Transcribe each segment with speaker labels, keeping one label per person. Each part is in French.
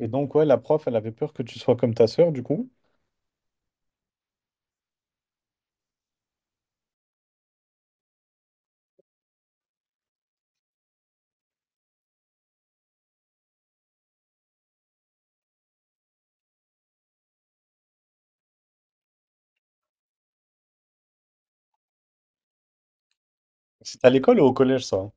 Speaker 1: Et donc, ouais, la prof, elle avait peur que tu sois comme ta sœur, du coup. C'était à l'école ou au collège, ça?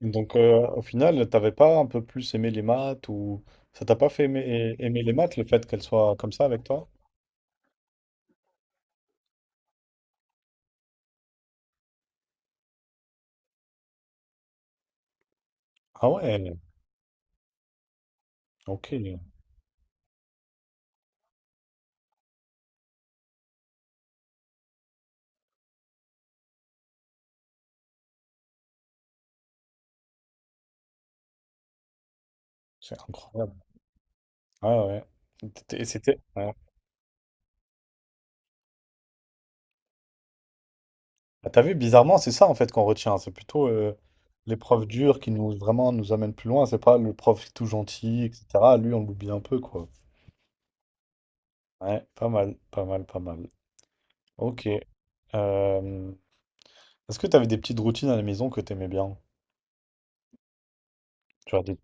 Speaker 1: Donc, au final, t'avais pas un peu plus aimé les maths ou ça t'a pas fait aimer les maths, le fait qu'elle soit comme ça avec toi? Ah ouais, ok. C'est incroyable. Ouais, ouais. C'était ouais. Bah, tu vu, bizarrement, c'est ça en fait qu'on retient. C'est plutôt l'épreuve dure qui nous vraiment nous amène plus loin. C'est pas le prof tout gentil, etc. Lui, on l'oublie un peu, quoi. Ouais, pas mal, pas mal, pas mal. Ok. Euh, Est-ce que t'avais des petites routines à la maison que t'aimais bien? Tu vois, des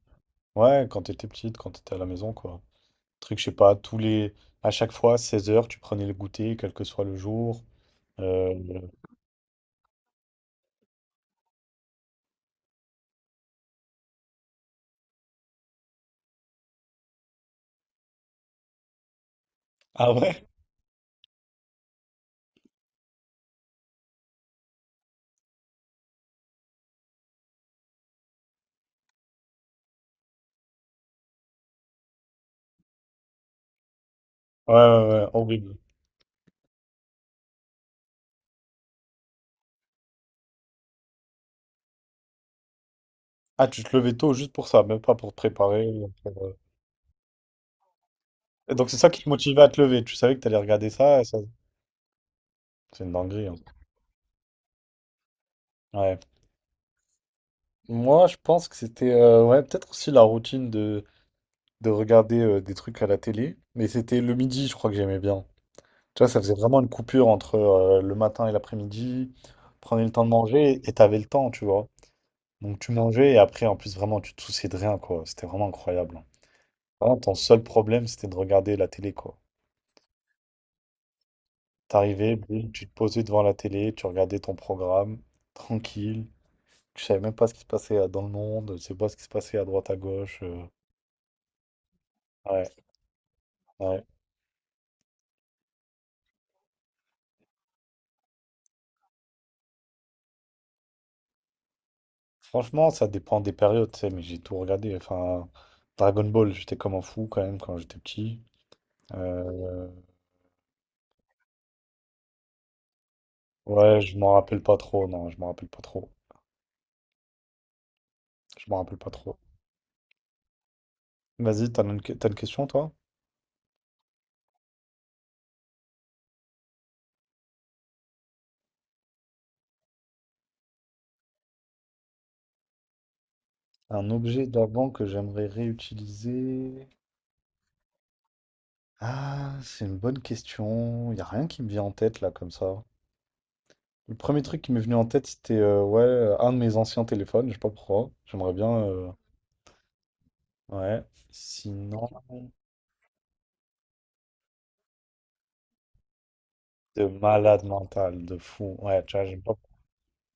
Speaker 1: Ouais, quand t'étais petite, quand t'étais à la maison, quoi. Truc, je sais pas, À chaque fois, 16 heures, tu prenais le goûter, quel que soit le jour. Euh, le- Ah ouais? Ouais, ouais, ouais, horrible. Ah, tu te levais tôt juste pour ça, même pas pour te préparer, ou pour, et donc c'est ça qui te motivait à te lever. Tu savais que t'allais regarder ça, et ça. C'est une dinguerie, hein. Ouais. Moi, je pense que c'était, ouais, peut-être aussi la routine de regarder des trucs à la télé. Mais c'était le midi, je crois que j'aimais bien. Tu vois, ça faisait vraiment une coupure entre le matin et l'après-midi. Prenais le temps de manger et t'avais le temps, tu vois. Donc tu mangeais et après, en plus, vraiment, tu te souciais de rien, quoi. C'était vraiment incroyable, hein. Vraiment, ton seul problème, c'était de regarder la télé, quoi. T'arrivais, boum, tu te posais devant la télé, tu regardais ton programme, tranquille. Tu savais même pas ce qui se passait dans le monde, tu sais pas ce qui se passait à droite, à gauche. Ouais, ouais. Franchement, ça dépend des périodes, tu sais, mais j'ai tout regardé. Enfin, Dragon Ball, j'étais comme un fou quand même quand j'étais petit. Euh, Ouais, je m'en rappelle pas trop, non, je m'en rappelle pas trop. Je m'en rappelle pas trop. Vas-y, t'as une question, toi? Un objet d'avant que j'aimerais réutiliser. Ah, c'est une bonne question. Il a rien qui me vient en tête, là, comme ça. Le premier truc qui m'est venu en tête, c'était ouais, un de mes anciens téléphones, je sais pas pourquoi. J'aimerais bien. Ouais. Sinon, de malade mental, de fou. Ouais, tu vois, j'aime pas.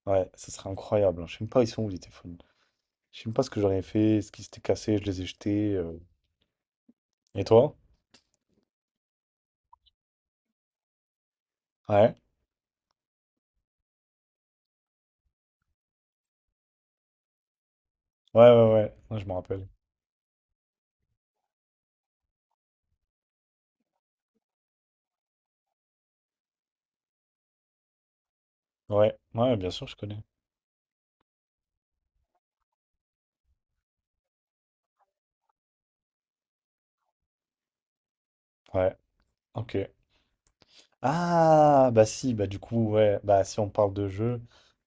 Speaker 1: Ouais, ça serait incroyable, hein. Je sais même pas, ils sont où les téléphones? Je sais même pas ce que j'aurais fait, ce qui s'était cassé, je les ai jetés. Et toi? Ouais. Ouais, ouais, ouais, ouais, je me rappelle. Ouais, ouais, bien sûr, je connais. Ouais, ok. Ah, bah si, bah du coup, ouais, bah si on parle de jeu,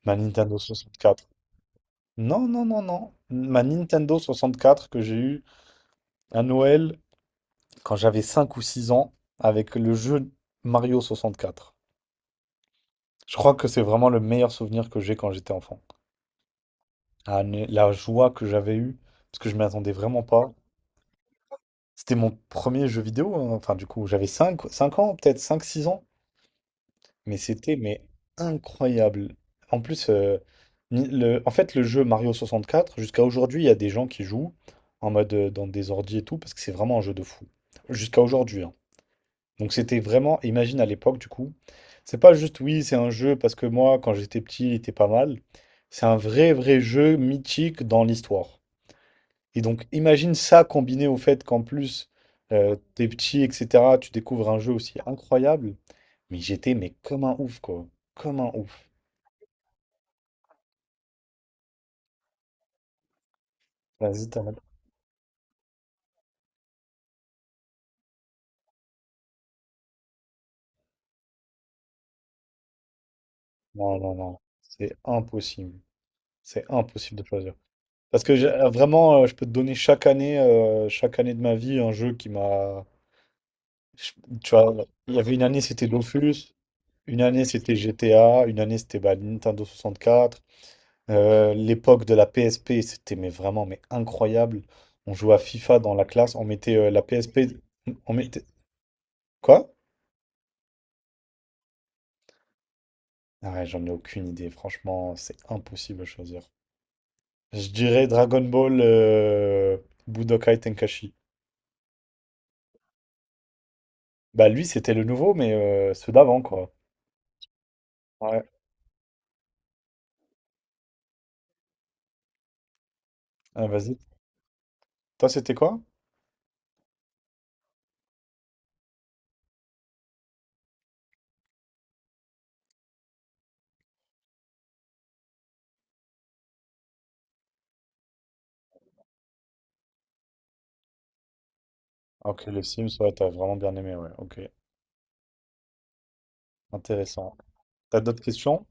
Speaker 1: ma Nintendo 64. Non, non, non, non. Ma Nintendo 64 que j'ai eu à Noël quand j'avais 5 ou 6 ans avec le jeu Mario 64. Je crois que c'est vraiment le meilleur souvenir que j'ai quand j'étais enfant. Ah, mais la joie que j'avais eue, parce que je m'y attendais vraiment pas. C'était mon premier jeu vidéo, hein. Enfin, du coup, j'avais 5 5 ans, peut-être cinq six ans. Mais c'était mais incroyable. En plus, en fait, le jeu Mario 64, jusqu'à aujourd'hui, il y a des gens qui jouent en mode dans des ordi et tout, parce que c'est vraiment un jeu de fou. Jusqu'à aujourd'hui, hein. Donc c'était vraiment, imagine à l'époque, du coup, c'est pas juste oui, c'est un jeu parce que moi, quand j'étais petit, il était pas mal. C'est un vrai, vrai jeu mythique dans l'histoire. Et donc, imagine ça combiné au fait qu'en plus, t'es petit, etc., tu découvres un jeu aussi incroyable. Mais j'étais, mais comme un ouf, quoi. Comme un ouf. Vas-y. Non, non, non. C'est impossible. C'est impossible de choisir. Parce que vraiment, je peux te donner chaque année de ma vie, un jeu qui m'a. je- Tu vois, il y avait une année, c'était Dofus. Une année, c'était GTA. Une année, c'était bah, Nintendo 64. L'époque de la PSP, c'était mais vraiment mais incroyable. On jouait à FIFA dans la classe, on mettait la PSP, on mettait quoi? Ah ouais, j'en ai aucune idée, franchement, c'est impossible à choisir. Je dirais Dragon Ball Budokai Tenkaichi. Bah lui, c'était le nouveau, mais ceux d'avant quoi. Ouais, ah, vas-y. Toi, c'était quoi? Ok, les Sims, ouais, t'as vraiment bien aimé, ouais, ok, intéressant. T'as d'autres questions?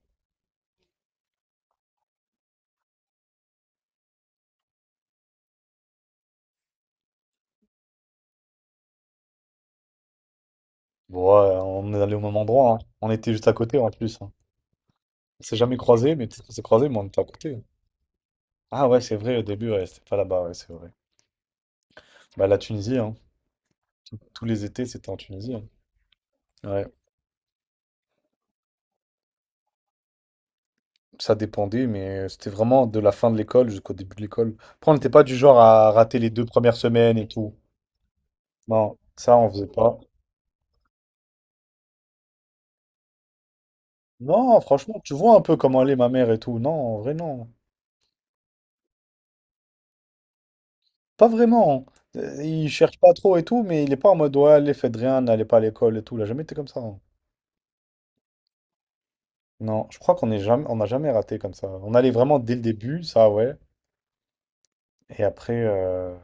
Speaker 1: Bon, ouais, on est allé au même endroit, hein. On était juste à côté en plus, hein. On s'est jamais croisé, mais peut-être qu'on s'est croisé mais on était à côté. Ah ouais, c'est vrai, au début, ouais, c'était pas là-bas, ouais, c'est vrai. Bah, la Tunisie, hein. Tous les étés, c'était en Tunisie, hein. Ouais, ça dépendait, mais c'était vraiment de la fin de l'école jusqu'au début de l'école. Après, on n'était pas du genre à rater les deux premières semaines et tout. Non, ça, on faisait pas. Non, franchement, tu vois un peu comment elle est, ma mère et tout. Non, en vrai, non. Pas vraiment. Hein. Il cherche pas trop et tout, mais il est pas en mode, ouais, allez, faites rien, n'allez pas à l'école et tout. Il a jamais été comme ça, hein. Non, je crois qu'on est jamais, on n'a jamais raté comme ça. On allait vraiment dès le début, ça, ouais. Et après,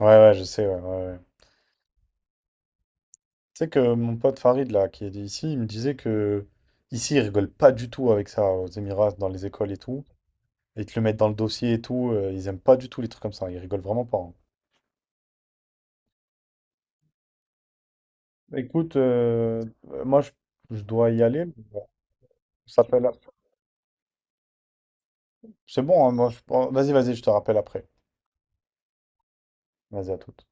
Speaker 1: ouais, ouais, je sais, ouais, ouais, ouais. Tu sais que mon pote Farid, là, qui est ici, il me disait que ici, ils rigolent pas du tout avec ça aux Émirats, dans les écoles et tout. Ils te le mettent dans le dossier et tout. Ils aiment pas du tout les trucs comme ça. Ils rigolent vraiment pas, hein. Écoute, moi, je dois y aller. Ça s'appelle- C'est bon, hein, moi, oh, vas-y, vas-y, je te rappelle après. Vas-y, à toute.